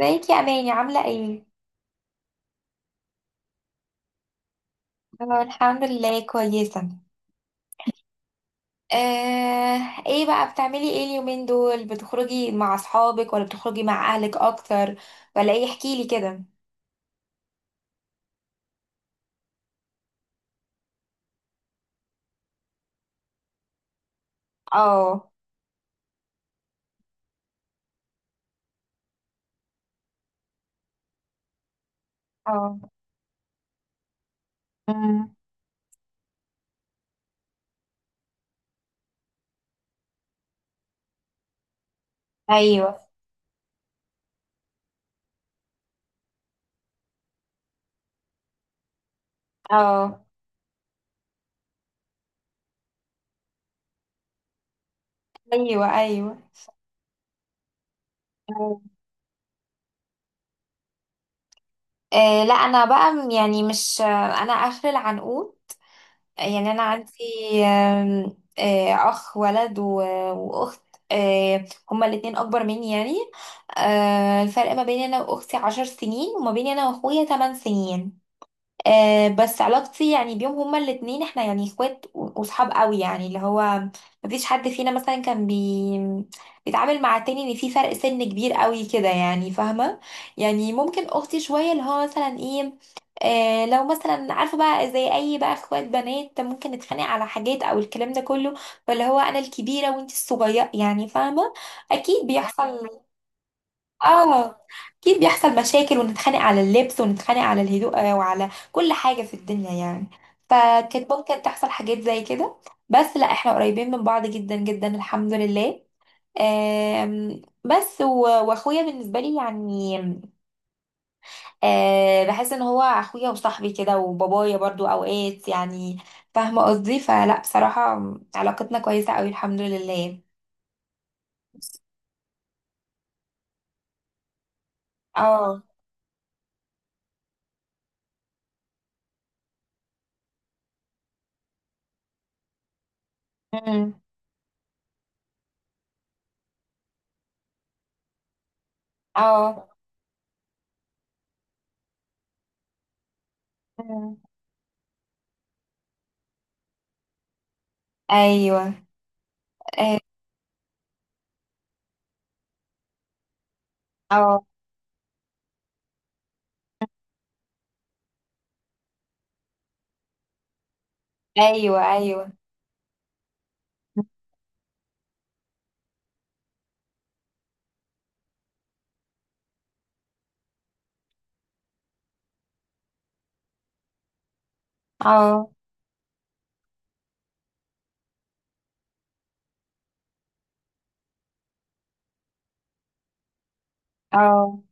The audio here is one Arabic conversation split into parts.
ازيك يا اماني عامله ايه؟ أنا الحمد لله كويسه. آه، ايه بقى بتعملي ايه اليومين دول؟ بتخرجي مع اصحابك ولا بتخرجي مع اهلك اكتر؟ ولا ايه، احكيلي كده. اه. اه. أمم، ايوه. اه. ايوه. ايوه. آه، لا انا بقى يعني مش. انا اخر العنقود، يعني انا عندي آم، آه، اخ ولد واخت. آه، هما الاتنين اكبر مني يعني. آه، الفرق ما بين انا واختي 10 سنين، وما بين انا واخويا 8 سنين. آه، بس علاقتي يعني بيهم هما الاتنين احنا يعني اخوات وصحاب قوي، يعني اللي هو مفيش حد فينا مثلا بيتعامل مع التاني ان في فرق سن كبير قوي كده، يعني فاهمة. يعني ممكن اختي شوية اللي هو مثلا ايه، آه لو مثلا عارفة بقى زي اي بقى اخوات بنات ممكن نتخانق على حاجات او الكلام ده كله. فاللي هو انا الكبيرة وانت الصغيرة، يعني فاهمة. اكيد بيحصل. اه، اكيد بيحصل مشاكل، ونتخانق على اللبس، ونتخانق على الهدوء، وعلى كل حاجة في الدنيا يعني. فكانت ممكن تحصل حاجات زي كده. بس لا، احنا قريبين من بعض جدا جدا الحمد لله. بس واخويا بالنسبة لي يعني، آه، بحس ان هو اخويا وصاحبي كده، وبابايا برضو اوقات يعني. فاهمة قصدي؟ فلا، بصراحة علاقتنا كويسة قوي الحمد لله. اه. مم. اه. مم. ايوه. اه. ايوه. ايوه. اه. اه.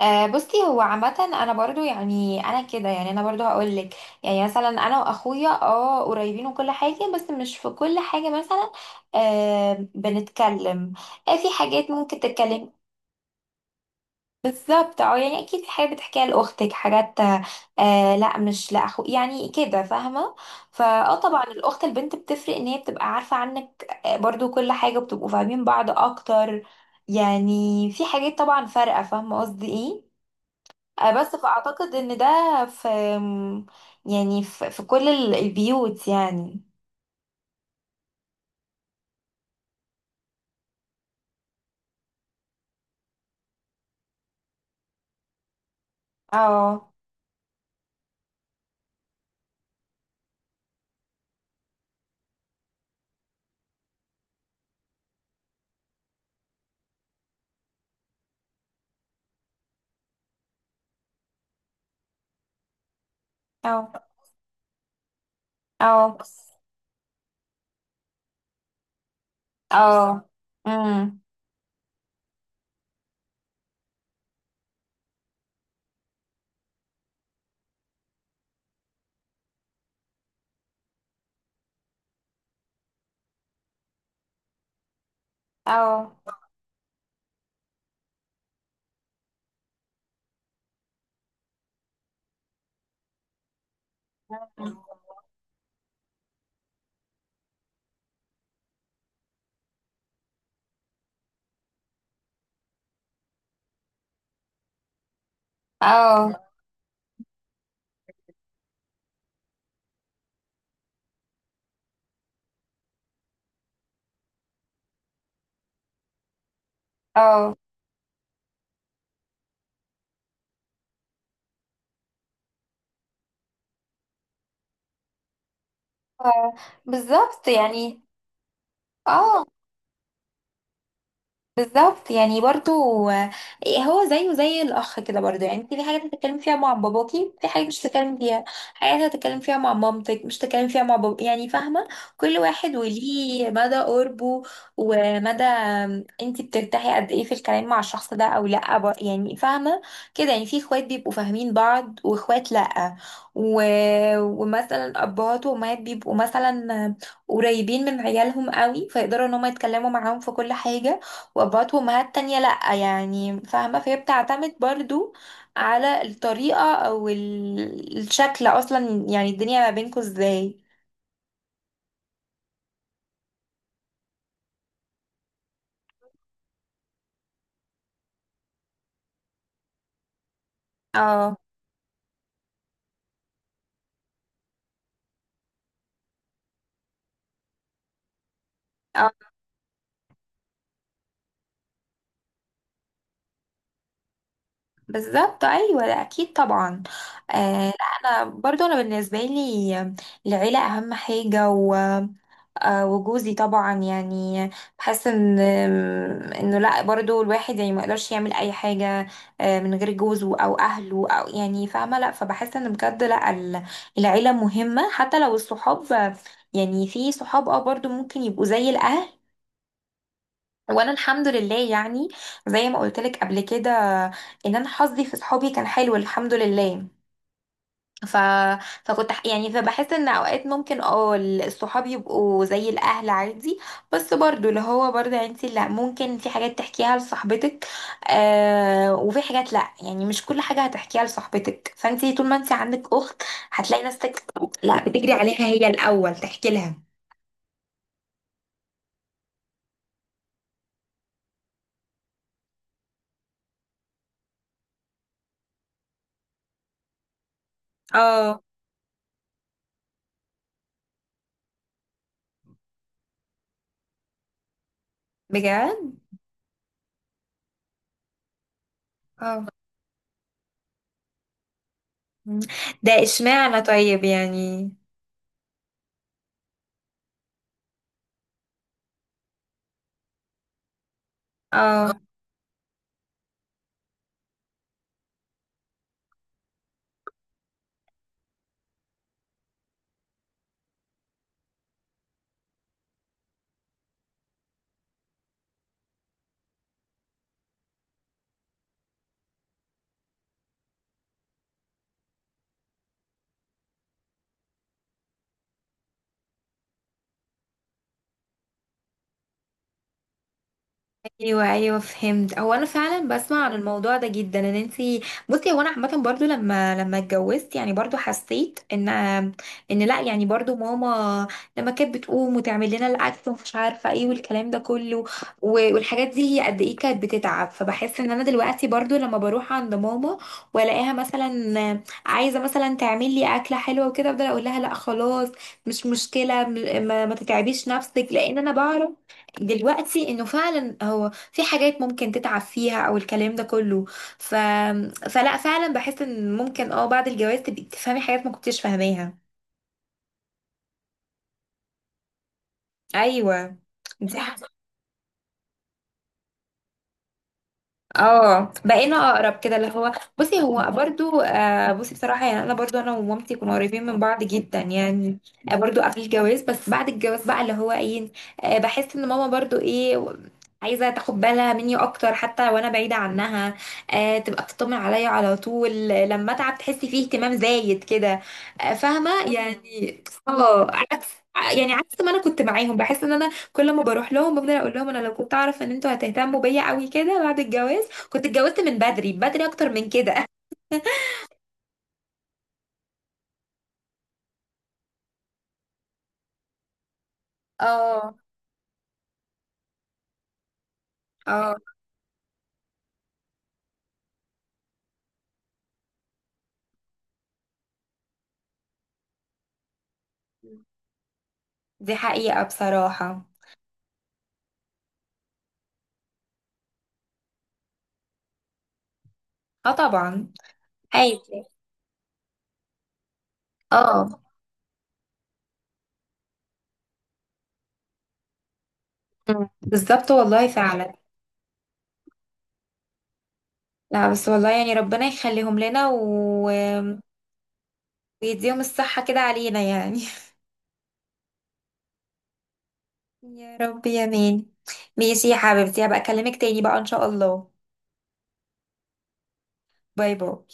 آه، بصي هو عامة انا برضو، يعني انا كده، يعني انا برضو هقول لك، يعني مثلا انا واخويا اه قريبين وكل حاجة، بس مش في كل حاجة مثلا. آه بنتكلم، آه في حاجات ممكن تتكلمي. بالظبط، اه، يعني اكيد في حاجات بتحكيها لاختك، حاجات آه لا مش لاخوك، يعني كده فاهمه. فاه طبعا الاخت البنت بتفرق، ان هي بتبقى عارفه عنك، آه، برضو كل حاجه بتبقوا فاهمين بعض اكتر. يعني في حاجات طبعا فارقه، فاهمه قصدي ايه. آه، بس فاعتقد ان ده في، يعني في كل البيوت يعني. اه. اه. اه. اه. امم. اه. اه. اه. آه. آه، بالظبط يعني. اه، بالظبط يعني، برضو آه، هو زيه زي الاخ كده برضو، يعني انت في حاجات هتتكلمي فيها مع باباكي، في حاجات مش هتتكلمي فيها، حاجات هتتكلم فيها مع مامتك مش هتتكلم فيها مع بابا، يعني فاهمه. كل واحد وليه مدى قربه ومدى انت بترتاحي قد ايه في الكلام مع الشخص ده او لا، يعني فاهمه كده. يعني في اخوات بيبقوا فاهمين بعض واخوات لا. و... ومثلا ابهات وامهات بيبقوا مثلا قريبين من عيالهم قوي، فيقدروا ان هم يتكلموا معاهم في كل حاجه، وابهات وامهات تانية لأ، يعني فاهمة. فهي بتعتمد برضو على الطريقة او الشكل اصلا، يعني الدنيا ما بينكوا ازاي. اه. اه. بالظبط، ايوه، ده اكيد طبعا. آه، لا انا برضو انا بالنسبه لي العيله اهم حاجه، و آه وجوزي طبعا يعني. بحس ان انه لا برضو الواحد يعني ما يقدرش يعمل اي حاجه آه من غير جوزه او اهله، او يعني فاهمه. لا، فبحس ان بجد لا العيله مهمه، حتى لو الصحاب، يعني في صحاب اه برضو ممكن يبقوا زي الاهل. وانا الحمد لله يعني، زي ما قلت لك قبل كده، ان انا حظي في صحابي كان حلو الحمد لله. ف... فكنت يعني فبحس ان اوقات ممكن اه الصحاب يبقوا زي الاهل عادي. بس برضو اللي هو برضو انت لا ممكن في حاجات تحكيها لصاحبتك، آه وفي حاجات لا، يعني مش كل حاجة هتحكيها لصاحبتك، فانت طول ما انت عندك اخت هتلاقي نفسك لا بتجري عليها هي الاول تحكي لها. اه. بجد. اه. مم. ده اشمعنى طيب يعني؟ اه، ايوه ايوه فهمت، هو انا فعلا بسمع عن الموضوع ده جدا ان انتي. بصي هو انا عامه برضو لما اتجوزت يعني، برضو حسيت ان ان لا يعني برضو ماما، لما كانت بتقوم وتعمل لنا الاكل ومش عارفه ايه والكلام ده كله والحاجات دي، هي قد ايه كانت بتتعب. فبحس ان انا دلوقتي برضو لما بروح عند ماما والاقيها مثلا عايزه مثلا تعمل لي اكله حلوه وكده، افضل اقول لها لا خلاص مش مشكله، ما تتعبيش نفسك، لان انا بعرف دلوقتي انه فعلا هو في حاجات ممكن تتعب فيها او الكلام ده كله. ف... فلا فعلا بحس ان ممكن اه بعد الجواز تبقي تفهمي حاجات ما كنتيش فاهماها. ايوه. دي. اه، بقينا اقرب كده، اللي هو بصي هو مم. برضو. آه، بصي بصراحه يعني انا برضو انا ومامتي كنا قريبين من بعض جدا يعني. آه برضو قبل الجواز، بس بعد الجواز بقى اللي هو ايه، آه بحس ان ماما برضو ايه عايزه تاخد بالها مني اكتر حتى وانا بعيده عنها. آه تبقى بتطمن عليا على طول، لما اتعب تحسي فيه اهتمام زايد كده. آه فاهمه يعني. اه عكس، يعني عكس ما انا كنت معاهم. بحس ان انا كل ما بروح لهم بفضل اقول لهم انا لو كنت اعرف ان انتوا هتهتموا بيا قوي كده بعد الجواز كنت اتجوزت من بدري، بدري اكتر من كده. اه. اه. دي حقيقة بصراحة. اه طبعا. عادي. اه. مم. بالظبط والله فعلا. لا بس والله يعني ربنا يخليهم لنا ويديهم الصحة كده علينا يعني. يا رب يا مين. ماشي يا حبيبتي، هبقى اكلمك تاني بقى ان شاء الله. باي باي.